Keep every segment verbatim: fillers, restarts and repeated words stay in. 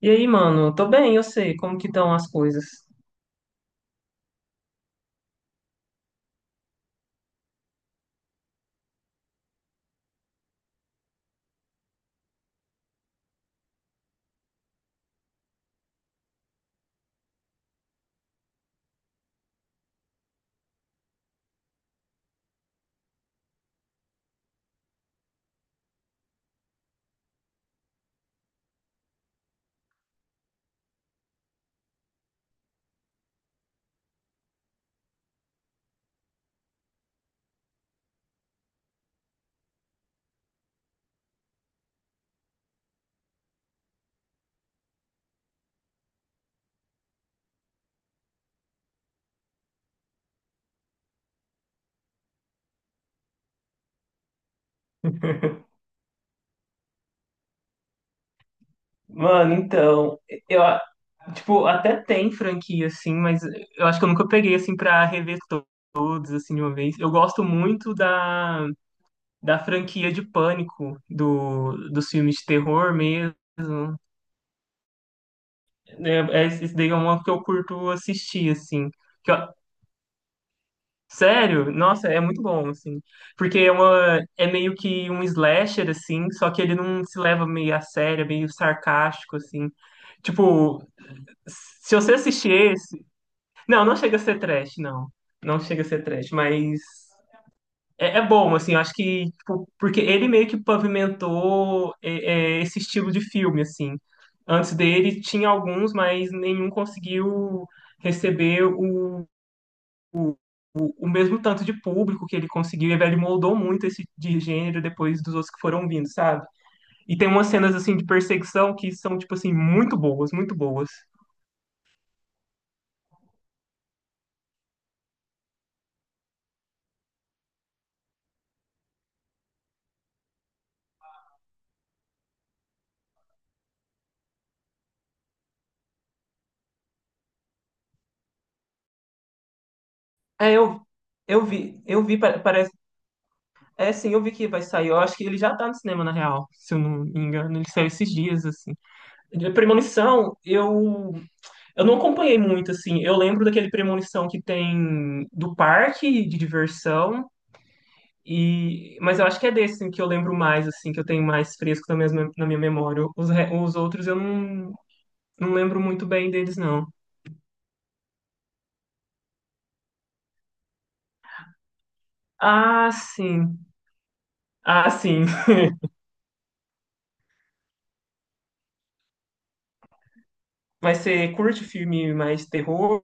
E aí, mano, tô bem, eu sei como que estão as coisas. Mano, então, eu, a- tipo, até tem franquia, assim, mas eu acho que eu nunca peguei, assim, pra rever todos, assim, de uma vez. Eu gosto muito da, da franquia de Pânico, do, dos filmes de terror mesmo. É, é- esse daí é uma que eu curto assistir, assim. Que eu, sério? Nossa, é muito bom, assim. Porque é uma, é meio que um slasher, assim, só que ele não se leva meio a sério, é meio sarcástico, assim. Tipo, se você assistir esse. Não, não chega a ser trash, não. Não chega a ser trash, mas é, é bom, assim, eu acho que tipo, porque ele meio que pavimentou é, é, esse estilo de filme, assim. Antes dele tinha alguns, mas nenhum conseguiu receber o mesmo tanto de público que ele conseguiu, e ele moldou muito esse de gênero depois dos outros que foram vindo, sabe? E tem umas cenas assim de perseguição que são tipo assim muito boas, muito boas. É, eu eu vi, eu vi pa- parece é sim, eu vi que vai sair. Eu acho que ele já tá no cinema na real, se eu não me engano, ele saiu esses dias assim. De Premonição, eu eu não acompanhei muito assim. Eu lembro daquele Premonição que tem do parque de diversão. E, mas eu acho que é desse assim, que eu lembro mais, assim, que eu tenho mais fresco na minha, na minha memória. Os, re- os outros eu não, não lembro muito bem deles, não. Ah, sim. Ah, sim. Mas você curte filme mais terror?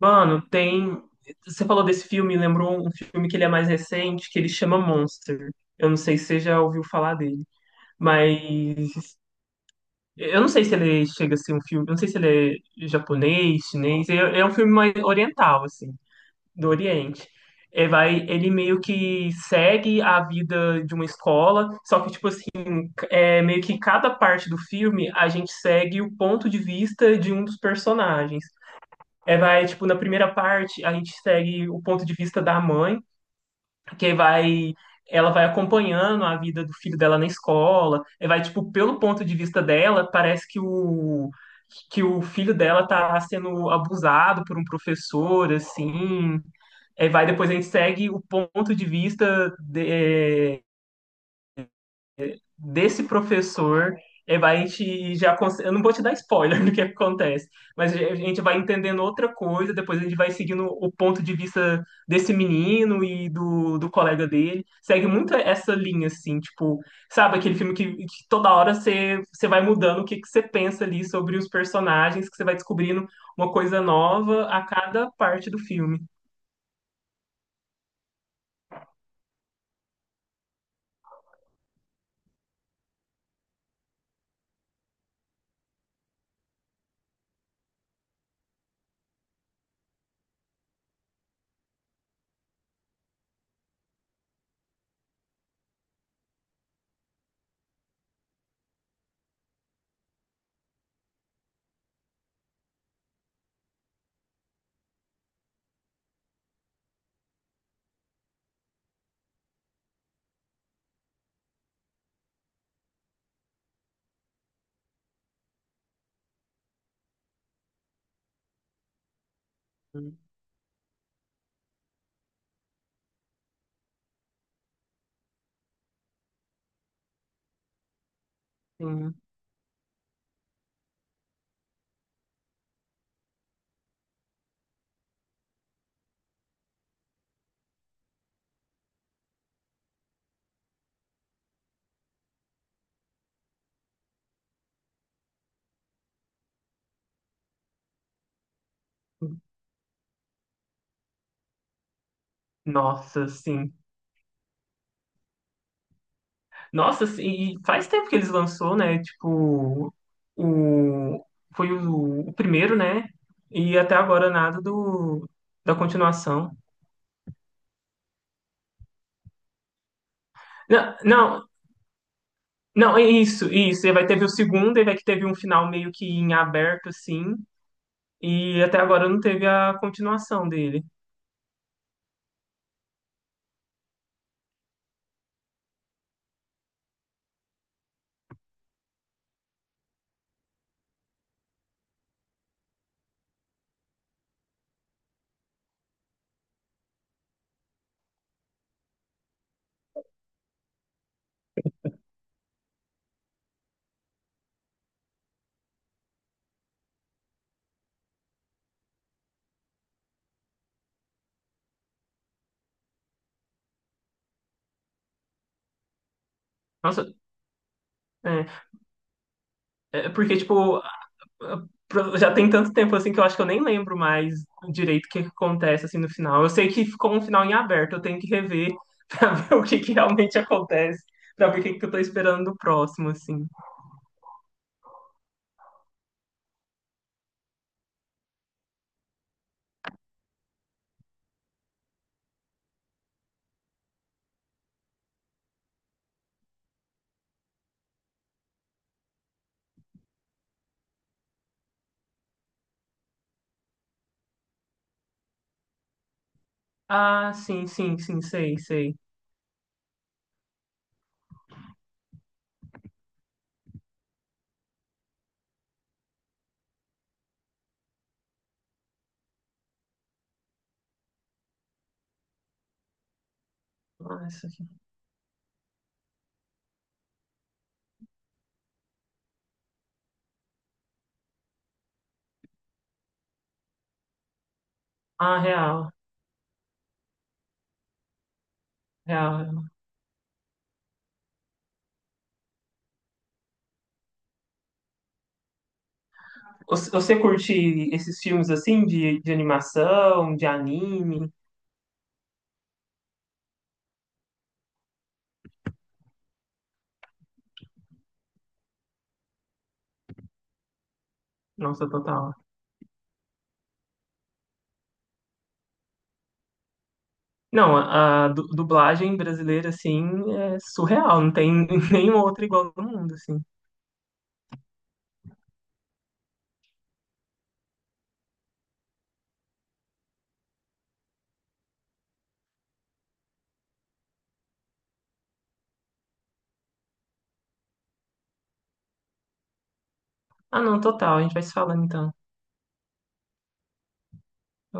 Mano, tem. Você falou desse filme, lembrou um filme que ele é mais recente, que ele chama Monster. Eu não sei se você já ouviu falar dele. Mas eu não sei se ele chega a ser um filme. Eu não sei se ele é japonês, chinês. É é um filme mais oriental, assim. Do Oriente. Ele vai, ele meio que segue a vida de uma escola, só que tipo assim, é meio que cada parte do filme a gente segue o ponto de vista de um dos personagens. É, vai, tipo, na primeira parte a gente segue o ponto de vista da mãe, que vai ela vai acompanhando a vida do filho dela na escola, e vai, tipo, pelo ponto de vista dela, parece que o, que o filho dela tá sendo abusado por um professor, assim. Aí vai, depois a gente segue o ponto de vista de- é, desse professor. Aí vai, a gente já. Cons- eu não vou te dar spoiler do que acontece, mas a gente vai entendendo outra coisa, depois a gente vai seguindo o ponto de vista desse menino e do, do colega dele. Segue muito essa linha, assim, tipo, sabe, aquele filme que, que toda hora você, você vai mudando o que, que você pensa ali sobre os personagens, que você vai descobrindo uma coisa nova a cada parte do filme. Sim. Nossa, sim. Nossa, sim, e faz tempo que eles lançou, né? Tipo, o foi o, o primeiro, né? E até agora nada do da continuação. Não, não, não, é isso, isso. E vai teve o segundo, e vai que teve um final meio que em aberto, assim. E até agora não teve a continuação dele. Nossa, é, é porque, tipo, pro- já tem tanto tempo assim que eu acho que eu nem lembro mais direito o que que acontece assim no final. Eu sei que ficou um final em aberto, eu tenho que rever pra ver o que que realmente acontece, pra ver o que que eu tô esperando do próximo assim. Ah, sim, sim, sim, sei, sei. Ah, isso aqui. Ah, real, real. Você você curte esses filmes assim de, de animação, de anime? Nossa, total. Não, a, a du- dublagem brasileira assim é surreal, não tem nenhuma outra igual no mundo assim. Ah, não, total. A gente vai se falando então. Eu